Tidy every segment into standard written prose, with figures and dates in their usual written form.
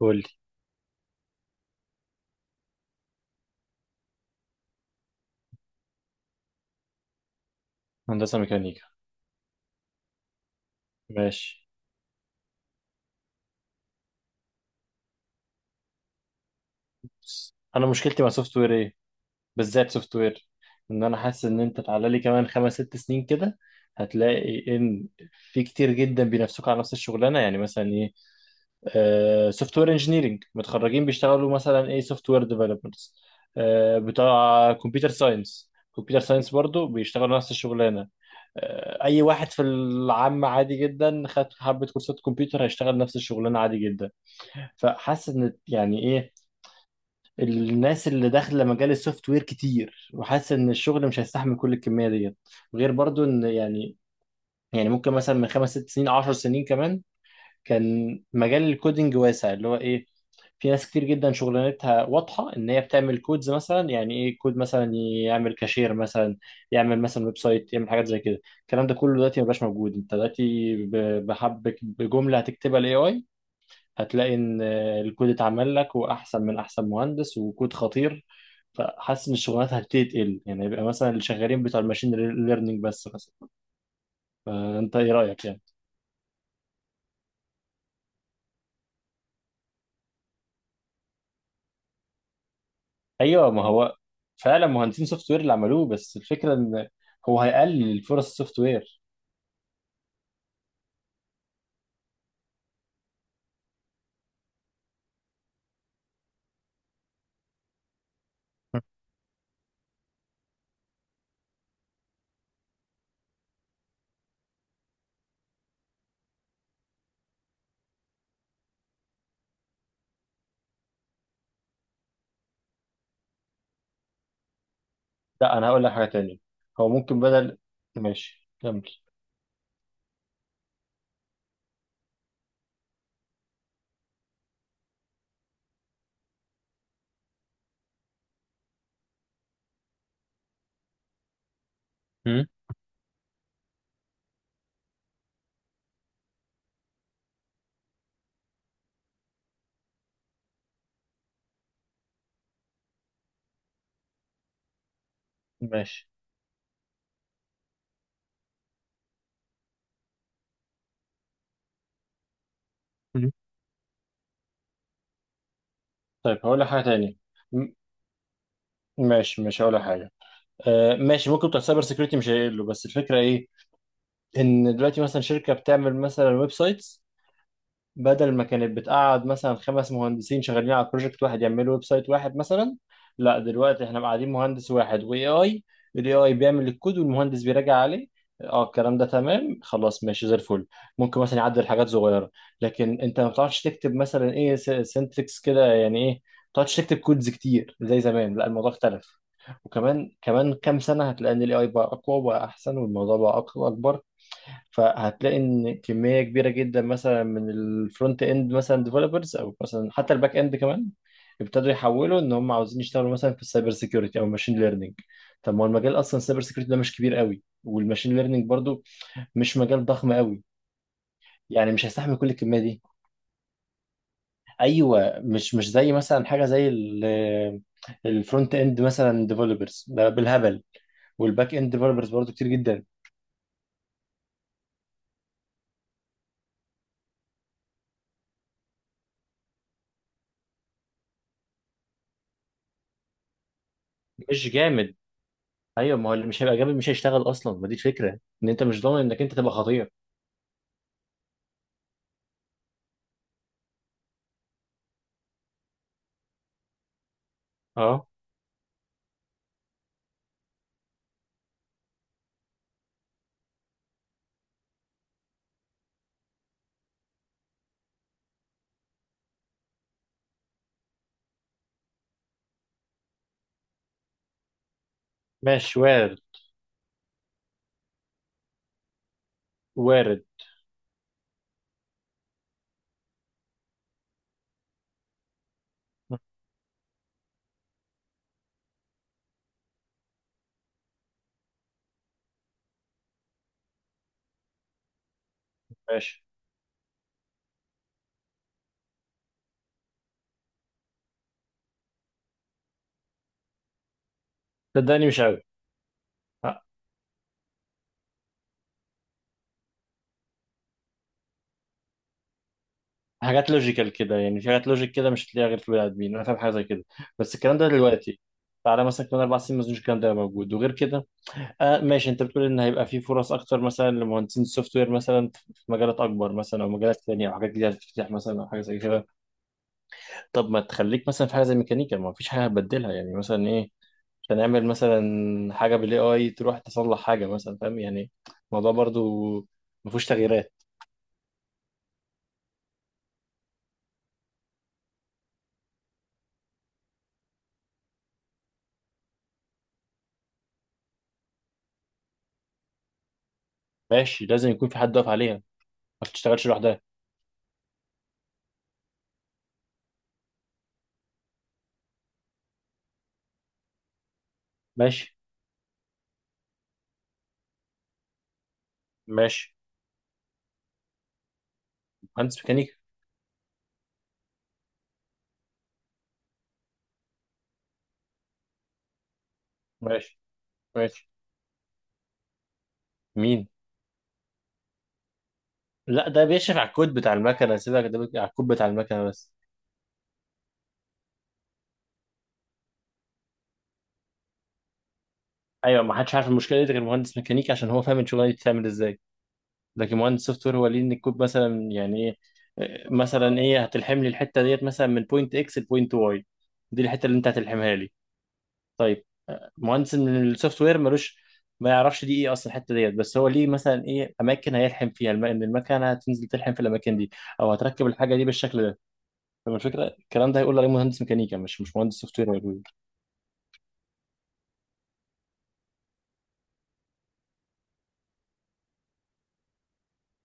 قول لي هندسه ميكانيكا. ماشي، بس انا مشكلتي مع سوفت وير ايه؟ بالذات سوفت وير. ان انا حاسس ان انت تعالى لي كمان خمس ست سنين كده، هتلاقي ان في كتير جدا بينافسوك على نفس الشغلانه. يعني مثلا ايه؟ آه، سوفت وير انجينيرنج متخرجين بيشتغلوا مثلا ايه؟ سوفت وير ديفلوبرز، آه بتاع كمبيوتر ساينس. كمبيوتر ساينس برضو بيشتغلوا نفس الشغلانه. آه، اي واحد في العام عادي جدا خد حبه كورسات كمبيوتر هيشتغل نفس الشغلانه عادي جدا. فحاسس ان يعني ايه، الناس اللي داخله مجال السوفت وير كتير، وحاسس ان الشغل مش هيستحمل كل الكميه ديت. غير برضو ان يعني ممكن مثلا من خمس ست سنين عشر سنين كمان، كان مجال الكودينج واسع، اللي هو ايه؟ في ناس كتير جدا شغلانتها واضحه ان هي بتعمل كودز مثلا. يعني ايه كود مثلا؟ يعمل كاشير مثلا، يعمل مثلا ويب سايت، يعمل حاجات زي كده. الكلام ده كله دلوقتي مبقاش موجود. انت دلوقتي بحبك بجمله هتكتبها الاي اي، هتلاقي ان الكود اتعمل لك، واحسن من احسن مهندس، وكود خطير. فحاسس ان الشغلانات هتبتدي تقل. يعني يبقى مثلا اللي شغالين بتوع الماشين ليرنينج بس مثلا. فانت ايه رايك يعني؟ ايوه، ما هو فعلا مهندسين سوفت وير اللي عملوه، بس الفكره ان هو هيقلل فرص السوفت وير. لا، انا هقول لك حاجه تانية. هو ممكن بدل، ماشي كمل. مم. ماشي. مم. طيب هقول لك حاجه تانية. م- ماشي، مش هقول لك حاجه. آه ماشي، ممكن بتوع سايبر سيكيورتي مش هيقلوا، بس الفكره ايه؟ ان دلوقتي مثلا شركه بتعمل مثلا ويب سايتس، بدل ما كانت بتقعد مثلا خمس مهندسين شغالين على بروجكت واحد يعملوا ويب سايت واحد مثلا، لا دلوقتي احنا قاعدين مهندس واحد واي اي. الاي اي بيعمل الكود والمهندس بيراجع عليه. اه، الكلام ده تمام خلاص، ماشي زي الفل. ممكن مثلا يعدل حاجات صغيره، لكن انت ما بتعرفش تكتب مثلا ايه، سنتكس كده يعني، ايه ما بتعرفش تكتب كودز كتير زي زمان. لا الموضوع اختلف. وكمان كمان كام سنه، هتلاقي ان الاي اي بقى اقوى وبقى احسن، والموضوع بقى اكبر. فهتلاقي ان كميه كبيره جدا مثلا من الفرونت اند مثلا ديفلوبرز، او مثلا حتى الباك اند كمان، ابتدوا يحولوا ان هم عاوزين يشتغلوا مثلا في السايبر سيكيورتي او الماشين ليرنينج. طب ما هو المجال اصلا، السايبر سيكيورتي ده مش كبير قوي، والماشين ليرنينج برضو مش مجال ضخم قوي. يعني مش هيستحمل كل الكميه دي. ايوه، مش زي مثلا حاجه زي ال-، الفرونت اند مثلا ديفلوبرز ده بالهبل، والباك اند ديفلوبرز برضو كتير جدا. مش جامد. ايوه، ما هو اللي مش هيبقى جامد مش هيشتغل اصلا، ما دي الفكره ان انت مش ضامن انك انت تبقى خطير. اه ماشي، وارد. وارد. ماشي. صدقني مش قوي. ح- حاجات لوجيكال كده يعني، في حاجات لوجيك كده مش هتلاقيها غير في البني ادمين، انا فاهم حاجه زي كده. بس الكلام ده دلوقتي. تعالى مثلا كمان اربع سنين، ما اظنش الكلام ده هيبقى موجود. وغير كده، آه ماشي، انت بتقول ان هيبقى في فرص اكتر مثلا لمهندسين السوفت وير مثلا في مجالات اكبر مثلا، او مجالات ثانيه، او حاجات جديده هتفتح مثلا، او حاجه زي كده. طب ما تخليك مثلا في حاجه زي ميكانيكا، ما فيش حاجه هتبدلها، يعني مثلا إيه؟ عشان اعمل مثلا حاجه بالاي اي تروح تصلح حاجه مثلا، فاهم يعني؟ الموضوع برضو ما فيهوش تغييرات. ماشي، لازم يكون في حد واقف عليها، ما بتشتغلش لوحدها. ماشي. ماشي. مهندس ميكانيكا. ماشي. ماشي. مين؟ لا، ده بيشرف على الكود بتاع المكنه، سيبك، ده على الكود بتاع المكنه بس. ايوه، ما حدش عارف المشكله دي غير مهندس ميكانيكا، عشان هو فاهم الشغلانه دي بتتعمل ازاي. لكن مهندس سوفت وير هو ليه ان الكود مثلا، يعني ايه مثلا، ايه هتلحم لي الحته ديت مثلا من بوينت اكس لبوينت واي؟ دي الحته اللي انت هتلحمها لي. طيب، مهندس من السوفت وير ملوش، ما يعرفش دي ايه اصلا الحته ديت، بس هو ليه مثلا ايه اماكن هيلحم فيها ان المكنه هتنزل تلحم في الاماكن دي، او هتركب الحاجه دي بالشكل ده. فما الفكره، الكلام ده هيقول عليه مهندس ميكانيكا، مش مهندس سوفت وير هيقول.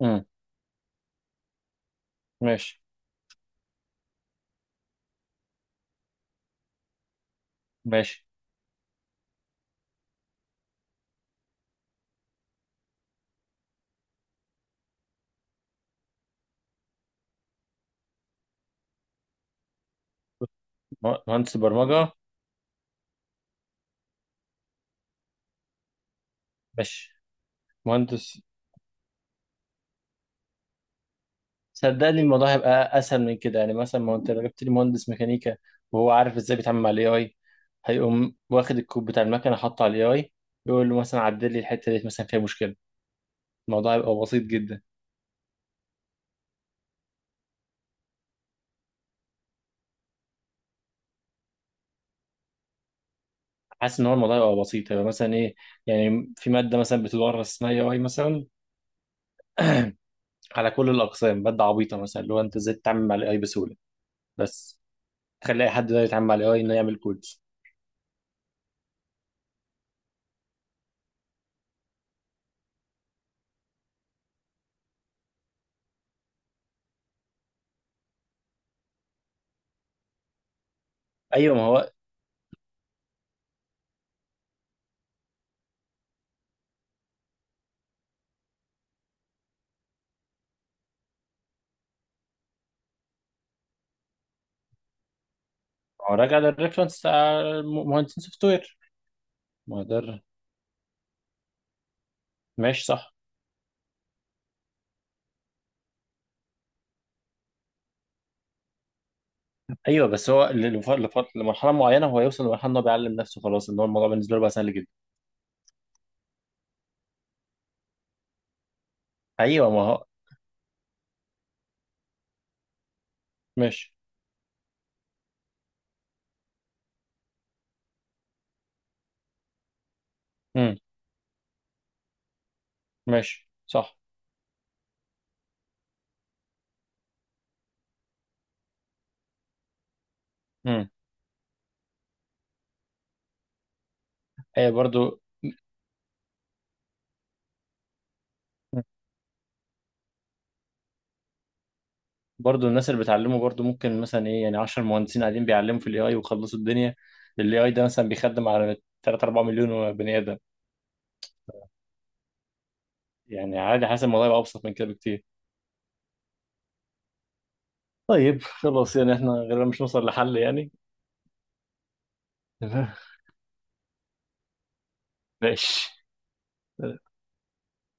امم، ماشي. ماشي. مهندس برمجه. ماشي. مهندس. صدقني الموضوع هيبقى اسهل من كده. يعني مثلا، ما انت لو جبت لي مهندس ميكانيكا وهو عارف ازاي بيتعامل مع الاي اي، هيقوم واخد الكود بتاع المكنه حاطه على الاي اي، يقول له مثلا عدل لي الحته ديت مثلا فيها مشكله. الموضوع هيبقى بسيط جدا. حاسس ان هو الموضوع يبقى بسيط، يبقى مثلا ايه، يعني في ماده مثلا بتدرس اسمها اي اي مثلا على كل الاقسام، ماده عبيطه مثلا، اللي هو انت ازاي تتعامل مع الاي اي بسهوله بس، تخلي اي حد يقدر يتعامل مع الاي اي انه يعمل كودز. ايوه ما هو راجع للريفرنس بتاع مهندسين سوفت وير. ما هو ده ماشي صح. ايوه بس هو لمرحله معينه، هو يوصل لمرحله ان هو بيعلم نفسه خلاص، ان هو الموضوع بالنسبه له بقى سهل جدا. ايوه ما هو. ماشي. امم. ماشي صح. امم. ايوه برضو. برضو الناس اللي بتعلمه، برضو ممكن مثلا ايه، يعني 10 مهندسين قاعدين بيعلموا في الاي اي وخلصوا الدنيا. الاي اي ده مثلا بيخدم على 3 4 مليون بني ادم. يعني عادي، حاسس الموضوع يبقى ابسط من كده بكتير. طيب خلاص، يعني احنا غالبا مش نوصل لحل يعني. ماشي.